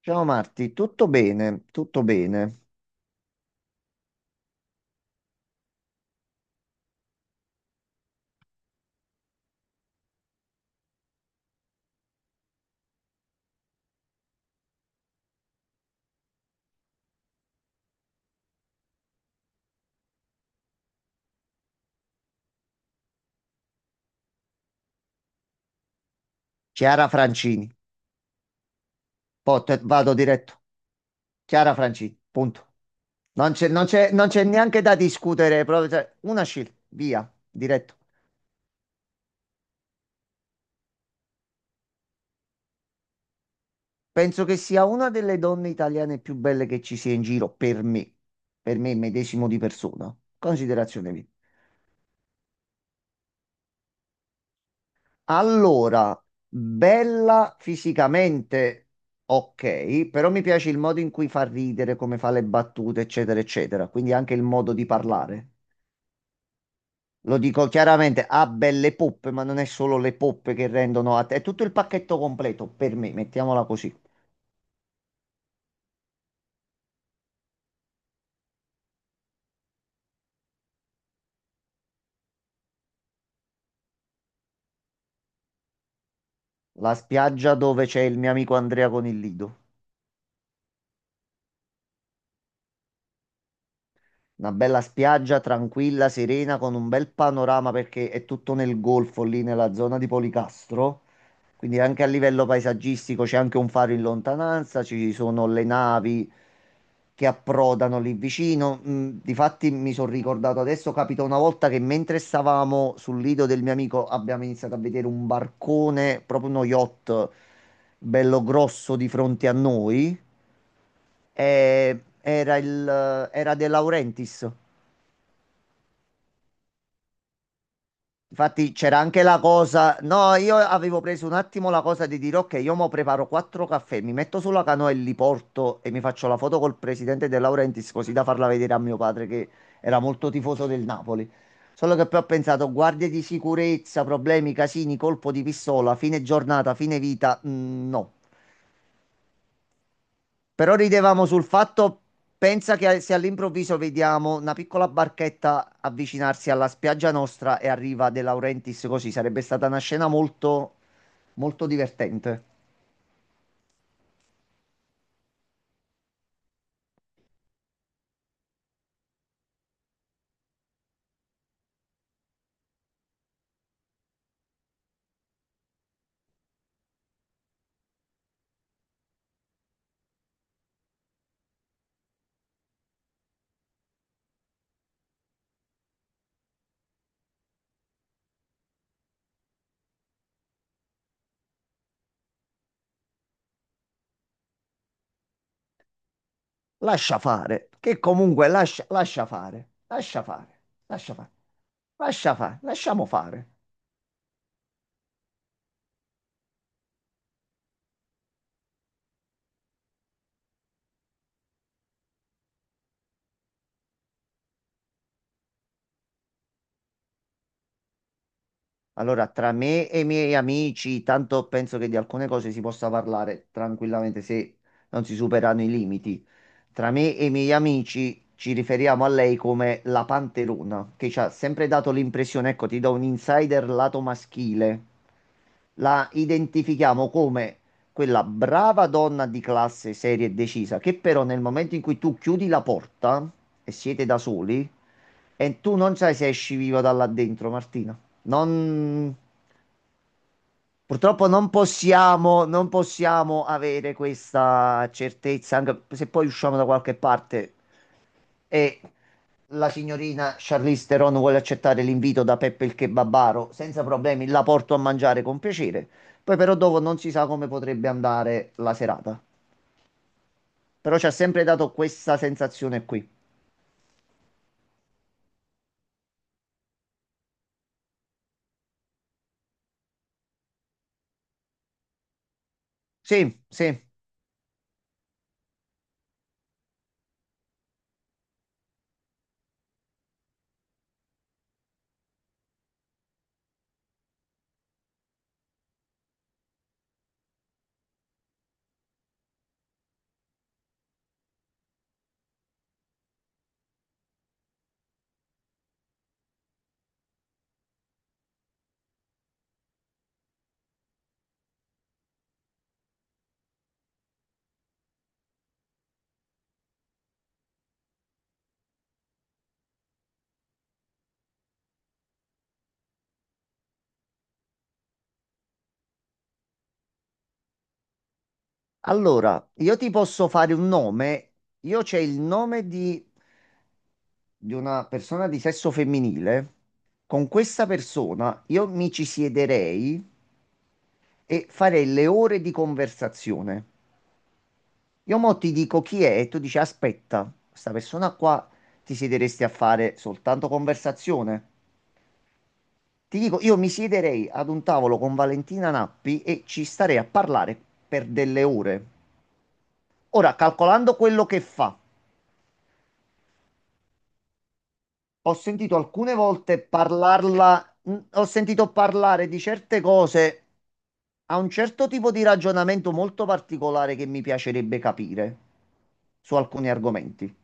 Ciao Marti, tutto bene, tutto bene. Chiara Francini, vado diretto. Chiara Francini, punto. Non c'è neanche da discutere, proprio, cioè, una scelta, via, diretto. Penso che sia una delle donne italiane più belle che ci sia in giro, per me medesimo di persona. Considerazione mia. Allora, bella fisicamente, ok, però mi piace il modo in cui fa ridere, come fa le battute, eccetera, eccetera. Quindi anche il modo di parlare. Lo dico chiaramente, ha belle poppe, ma non è solo le poppe che rendono a te, è tutto il pacchetto completo per me, mettiamola così. La spiaggia dove c'è il mio amico Andrea con il lido. Una bella spiaggia tranquilla, serena, con un bel panorama perché è tutto nel golfo, lì nella zona di Policastro. Quindi anche a livello paesaggistico c'è anche un faro in lontananza, ci sono le navi che approdano lì vicino. Mm, difatti mi sono ricordato adesso, capita una volta che mentre stavamo sul lido del mio amico abbiamo iniziato a vedere un barcone, proprio uno yacht bello grosso di fronte a noi. Era De Laurentiis. Infatti c'era anche la cosa, no, io avevo preso un attimo la cosa di dire ok, io mo preparo quattro caffè, mi metto sulla canoa e li porto e mi faccio la foto col presidente De Laurentiis così da farla vedere a mio padre che era molto tifoso del Napoli. Solo che poi ho pensato, guardie di sicurezza, problemi, casini, colpo di pistola, fine giornata, fine vita, no. Però ridevamo sul fatto, pensa che se all'improvviso vediamo una piccola barchetta avvicinarsi alla spiaggia nostra e arriva De Laurentiis così, sarebbe stata una scena molto, molto divertente. Lascia fare, che comunque lascia, lascia fare, lascia fare, lascia fare, lascia fare, lasciamo fare. Allora, tra me e i miei amici, tanto penso che di alcune cose si possa parlare tranquillamente se non si superano i limiti. Tra me e i miei amici ci riferiamo a lei come la panterona, che ci ha sempre dato l'impressione, ecco, ti do un insider lato maschile. La identifichiamo come quella brava donna di classe, seria e decisa, che però nel momento in cui tu chiudi la porta e siete da soli, e tu non sai se esci viva da là dentro, Martina. Non, purtroppo non possiamo, non possiamo avere questa certezza, anche se poi usciamo da qualche parte e la signorina Charlize Theron vuole accettare l'invito da Peppe il Kebabaro, senza problemi, la porto a mangiare con piacere. Poi però dopo non si sa come potrebbe andare la serata. Però ci ha sempre dato questa sensazione qui. Sì, sì. Allora, io ti posso fare un nome. Io c'è il nome di una persona di sesso femminile, con questa persona io mi ci siederei e farei le ore di conversazione. Io mo ti dico chi è e tu dici aspetta, questa persona qua ti siederesti a fare soltanto conversazione. Ti dico, io mi siederei ad un tavolo con Valentina Nappi e ci starei a parlare per delle ore. Ora, calcolando quello che fa, ho sentito alcune volte parlarla, ho sentito parlare di certe cose a un certo tipo di ragionamento molto particolare che mi piacerebbe capire su alcuni argomenti.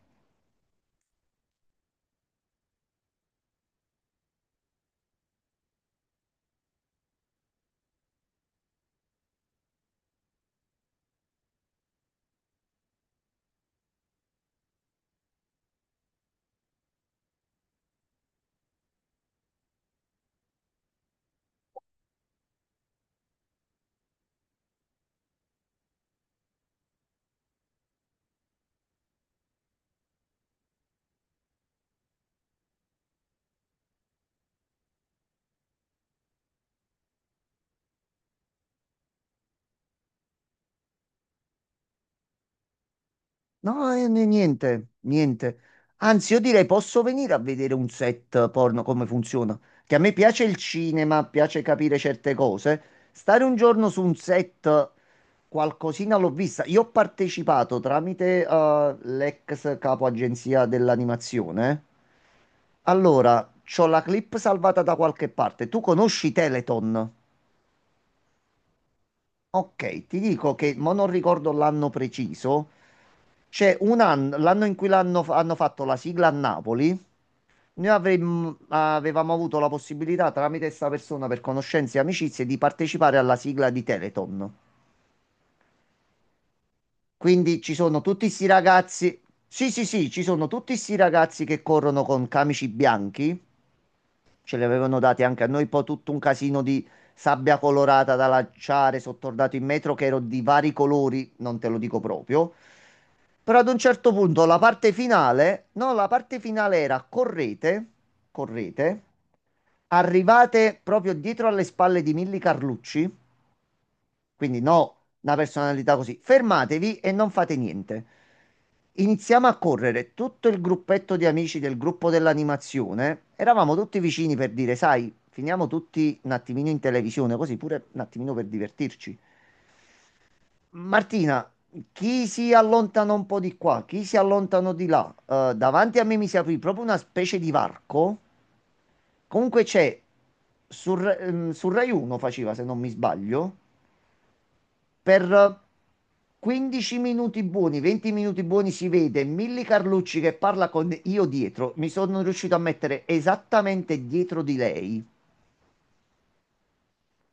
No, niente, niente. Anzi, io direi posso venire a vedere un set porno come funziona. Che a me piace il cinema, piace capire certe cose. Stare un giorno su un set, qualcosina l'ho vista. Io ho partecipato tramite l'ex capo agenzia dell'animazione. Allora, c'ho la clip salvata da qualche parte. Tu conosci Teleton? Ok, ti dico che, ma non ricordo l'anno preciso, c'è un anno, l'anno in cui hanno fatto la sigla a Napoli, avevamo avuto la possibilità tramite questa persona per conoscenze e amicizie di partecipare alla sigla di Teleton. Quindi ci sono tutti questi ragazzi, sì sì sì, ci sono tutti questi ragazzi che corrono con camici bianchi, ce li avevano dati anche a noi, poi tutto un casino di sabbia colorata da lanciare, sottordato in metro che ero di vari colori, non te lo dico proprio. Però ad un certo punto la parte finale, no, la parte finale era correte, correte, arrivate proprio dietro alle spalle di Milly Carlucci, quindi no, una personalità così, fermatevi e non fate niente. Iniziamo a correre, tutto il gruppetto di amici del gruppo dell'animazione, eravamo tutti vicini per dire, sai, finiamo tutti un attimino in televisione, così pure un attimino per divertirci. Martina, chi si allontana un po' di qua, chi si allontanò di là, davanti a me mi si aprì proprio una specie di varco. Comunque c'è, sul, sul Rai 1 faceva, se non mi sbaglio, per 15 minuti buoni, 20 minuti buoni si vede Milly Carlucci che parla con io dietro. Mi sono riuscito a mettere esattamente dietro di lei.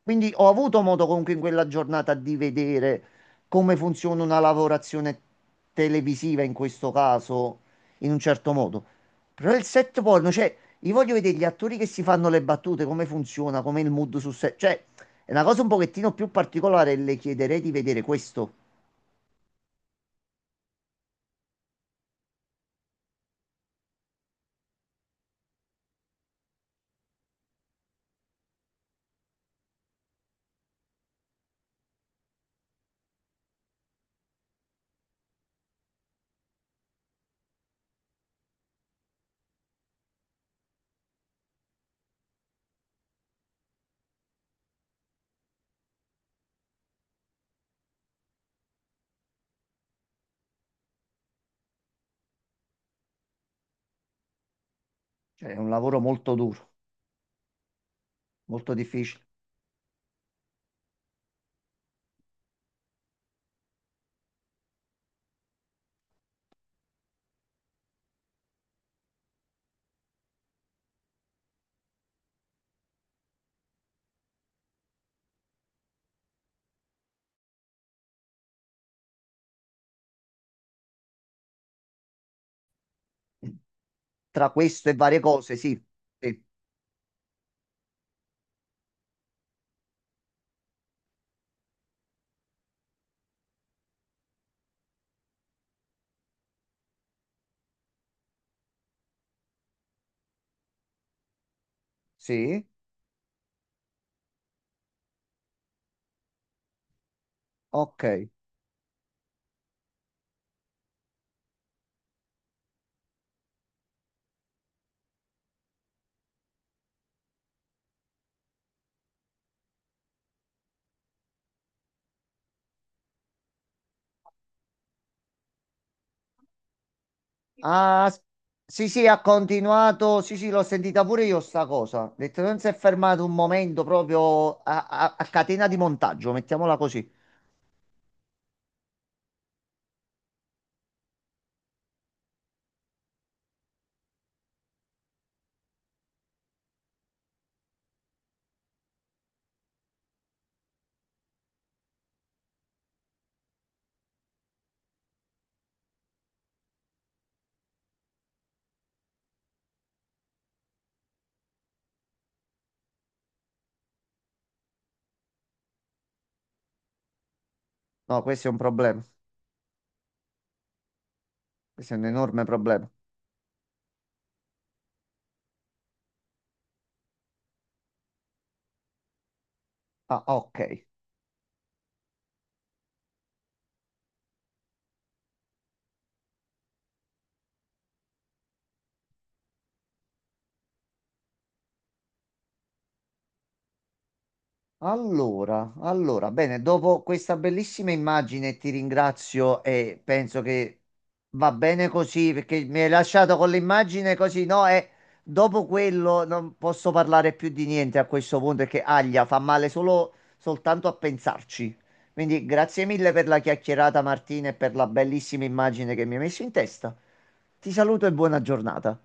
Quindi ho avuto modo comunque in quella giornata di vedere come funziona una lavorazione televisiva in questo caso, in un certo modo. Però il set porno, cioè, io voglio vedere gli attori che si fanno le battute, come funziona, come il mood sul set. Cioè, è una cosa un pochettino più particolare e le chiederei di vedere questo. Cioè, è un lavoro molto duro, molto difficile. Tra questo e varie cose, sì. Sì, sì, ok. Ah, s- sì, sì, ha continuato. Sì, sì, l'ho sentita pure io sta cosa. Ha detto, non si è fermato un momento proprio a, a catena di montaggio, mettiamola così. No, questo è un problema. Questo è un enorme problema. Ah, ok. Allora, allora, bene, dopo questa bellissima immagine ti ringrazio e penso che va bene così perché mi hai lasciato con l'immagine così, no? E dopo quello non posso parlare più di niente a questo punto perché aglia, fa male solo soltanto a pensarci. Quindi grazie mille per la chiacchierata Martina e per la bellissima immagine che mi hai messo in testa. Ti saluto e buona giornata.